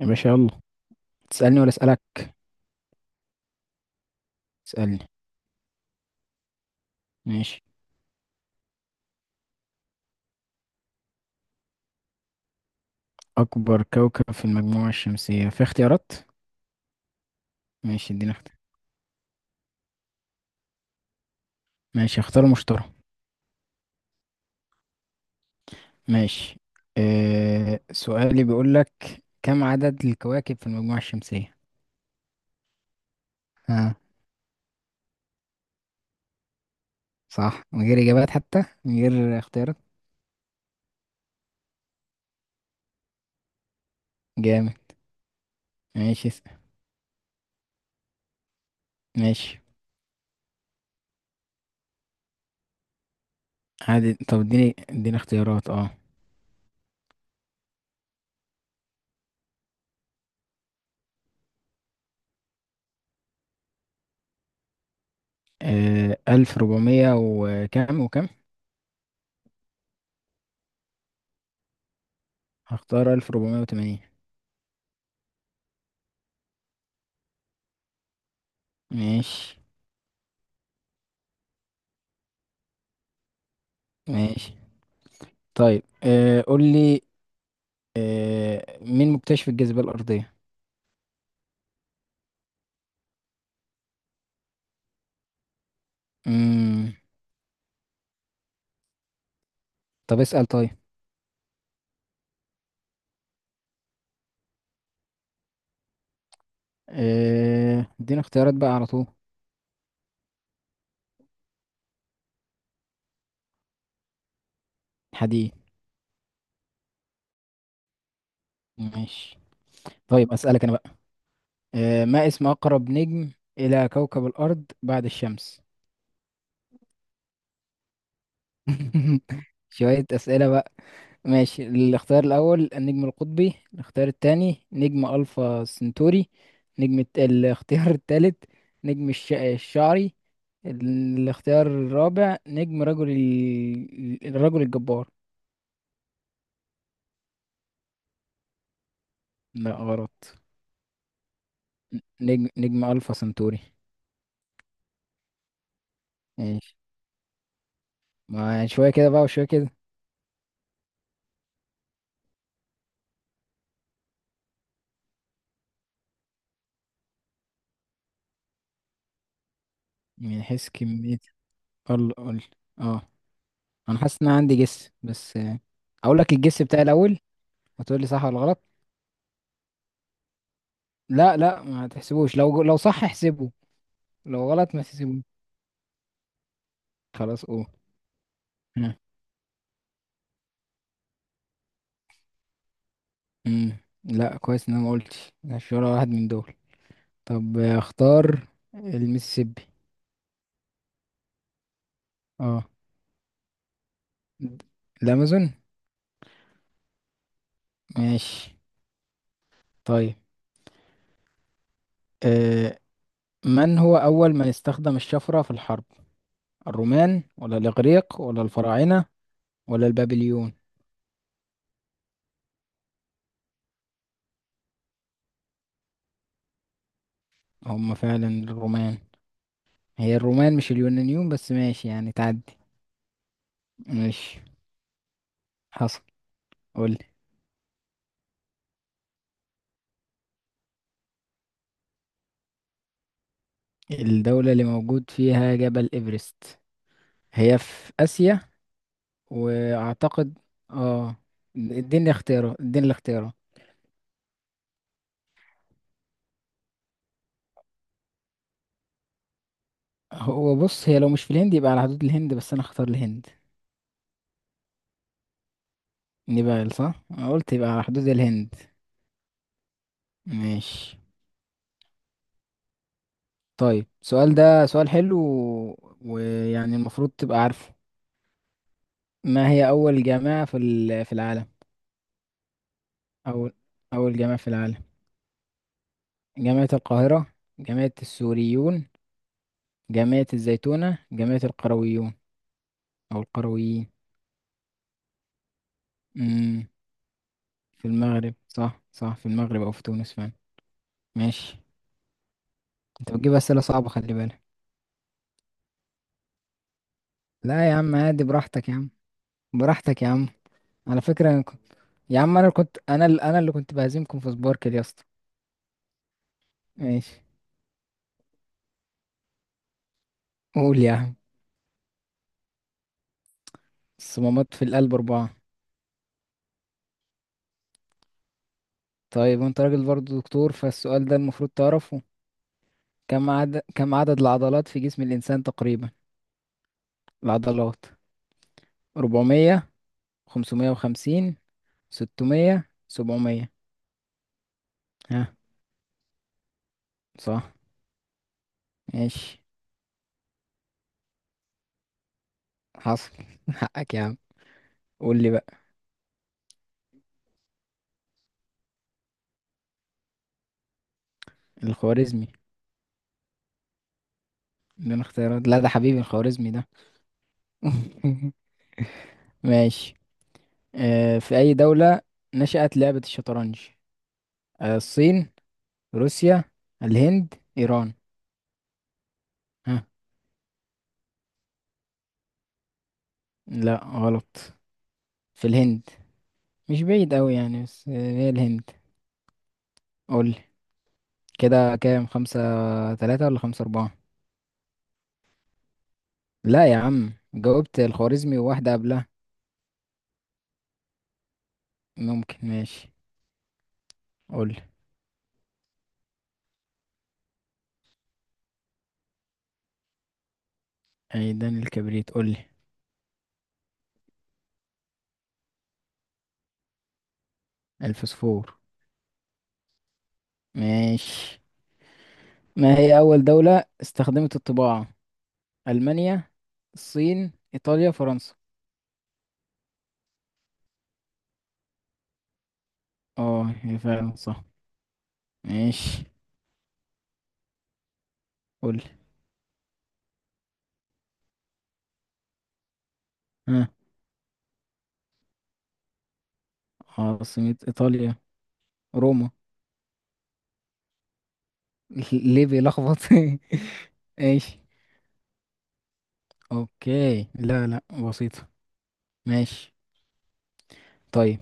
يا باشا يلا. تسألني ولا أسألك؟ تسألني. ماشي. أكبر كوكب في المجموعة الشمسية؟ في اختيارات؟ ماشي، ادينا اختيار. ماشي، اختار مشتري. ماشي. سؤالي بيقول لك كم عدد الكواكب في المجموعة الشمسية؟ ها، صح؟ من غير إجابات حتى، من غير اختيارات؟ جامد. ماشي اسأل. ماشي. عدد؟ طب اديني اختيارات. اه، 1400 وكم. هختار 1480. ماشي. ماشي. طيب، قول لي، مين مكتشف الجاذبية الأرضية؟ مم. طب اسأل طيب. ادينا اختيارات بقى على طول. حديد. ماشي. طيب أسألك أنا بقى. ما اسم أقرب نجم إلى كوكب الأرض بعد الشمس؟ شوية أسئلة بقى. ماشي، الاختيار الأول النجم القطبي، الاختيار التاني نجم ألفا سنتوري، الاختيار التالت نجم الشعري، الاختيار الرابع نجم الرجل الجبار. لا غلط. نجم ألفا سنتوري. ماشي. ما شوية كده بقى وشوية كده. من حيث كمية. قل. اه. أنا حاسس إن أنا عندي جس بس، أقول لك الجس بتاعي الأول، وتقول لي صح ولا غلط. لا لا، ما تحسبوش، لو صح احسبه، لو غلط ما تحسبوش. خلاص. اوه. ها. مم. لا، كويس ان انا ما قلتش مش ولا واحد من دول. طب، اختار المسيسيبي. اه. الامازون. ماشي. طيب. آه. من هو اول من استخدم الشفرة في الحرب؟ الرومان ولا الاغريق ولا الفراعنة ولا البابليون؟ هم فعلا الرومان. هي الرومان مش اليونانيون، بس ماشي يعني تعدي. ماشي. حصل. قول. الدولة اللي موجود فيها جبل إيفرست هي في آسيا. وأعتقد. اه. اديني الاختياره. هو بص، هي لو مش في الهند يبقى على حدود الهند، بس أنا اختار الهند. نيبال صح؟ أنا قلت يبقى على حدود الهند. ماشي. طيب السؤال ده سؤال حلو و- ويعني المفروض تبقى عارفه. ما هي أول جامعة في العالم؟ أول أول جامعة في العالم: جامعة القاهرة، جامعة السوريون، جامعة الزيتونة، جامعة القرويون أو القرويين. امم. في المغرب، صح، في المغرب أو في تونس فعلا. ماشي. أنت بتجيب أسئلة صعبة، خلي بالك. لا يا عم عادي، براحتك يا عم، براحتك يا عم. على فكرة أنا كنت... يا عم أنا كنت أنا اللي كنت بهزمكم في سباركل يا اسطى. ماشي. قول يا عم. الصمامات في القلب أربعة. طيب وأنت راجل برضه دكتور، فالسؤال ده المفروض تعرفه. كم عدد العضلات في جسم الإنسان تقريبا؟ العضلات 400، 550، 600، 700. ها. صح. ماشي. حصل. حقك يا عم. قول لي بقى. الخوارزمي. ده اختيارات؟ لا، ده حبيبي الخوارزمي ده. ماشي. آه، في أي دولة نشأت لعبة الشطرنج؟ آه، الصين، روسيا، الهند، إيران. ها. لا غلط. في الهند. مش بعيد أوي يعني، بس هي الهند. قول لي. كده كام؟ خمسة تلاتة ولا خمسة أربعة؟ لا يا عم، جاوبت الخوارزمي وواحدة قبلها. ممكن. ماشي. قول لي. عيدان الكبريت؟ قول لي. الفسفور. ماشي. ما هي أول دولة استخدمت الطباعة؟ ألمانيا، الصين، إيطاليا، فرنسا. اه هي فعلا صح. ماشي. قولي. ها. عاصمة إيطاليا روما. ليه بيلخبط؟ ماشي. اوكي. لا لا، بسيطة. ماشي. طيب،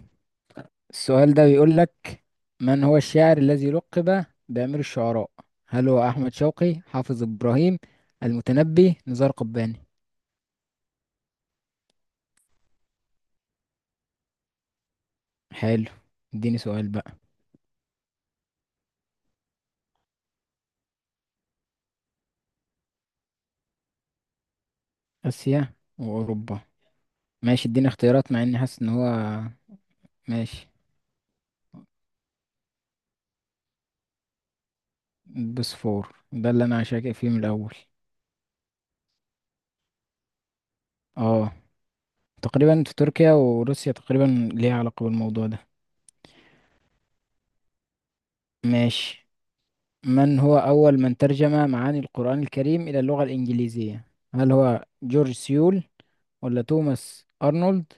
السؤال ده بيقول لك من هو الشاعر الذي لقب بأمير الشعراء؟ هل هو أحمد شوقي، حافظ إبراهيم، المتنبي، نزار قباني؟ حلو. اديني سؤال بقى. آسيا وأوروبا. ماشي، اديني اختيارات مع إني حاسس إن هو. ماشي. بوسفور ده اللي أنا شاكك فيه من الأول. اه، تقريبا في تركيا وروسيا تقريبا ليها علاقة بالموضوع ده. ماشي. من هو أول من ترجم معاني القرآن الكريم إلى اللغة الإنجليزية؟ هل هو جورج سيول، ولا توماس أرنولد،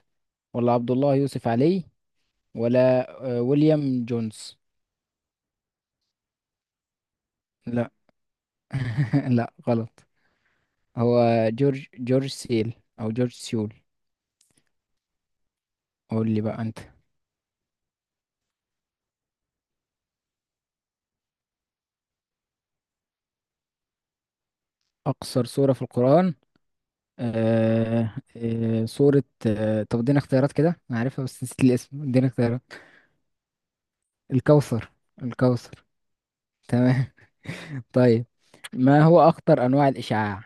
ولا عبد الله يوسف علي، ولا ويليام جونز؟ لا. لا غلط. هو جورج سيل أو جورج سيول. قول لي بقى انت. اقصر سورة في القرآن. آه سورة، آه، طب ادينا اختيارات كده، انا عارفها بس نسيت الاسم، ادينا اختيارات. الكوثر. الكوثر. تمام. طيب. ما هو اخطر انواع الاشعاع؟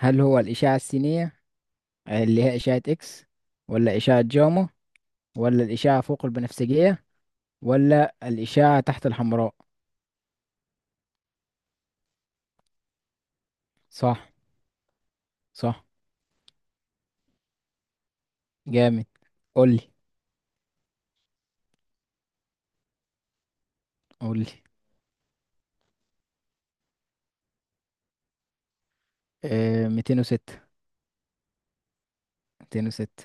هل هو الاشعة السينية اللي هي اشعة اكس، ولا اشعة جاما، ولا الاشعة فوق البنفسجية، ولا الاشعة تحت الحمراء؟ صح. صح. جامد. قول لي. قول لي. آه، 206. 206.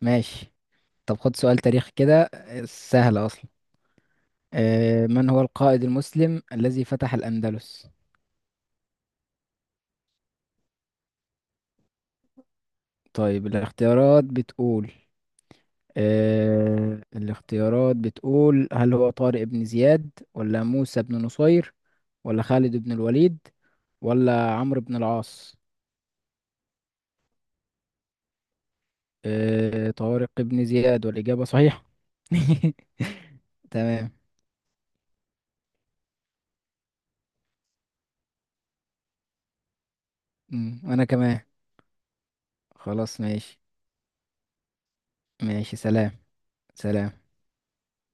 ماشي. طب خد سؤال تاريخ كده، سهل أصلا. من هو القائد المسلم الذي فتح الأندلس؟ طيب الاختيارات بتقول، الاختيارات بتقول هل هو طارق بن زياد، ولا موسى بن نصير، ولا خالد بن الوليد، ولا عمرو بن العاص؟ طارق بن زياد، والإجابة صحيحة. تمام. مم، وأنا كمان. خلاص ماشي. ماشي سلام. سلام.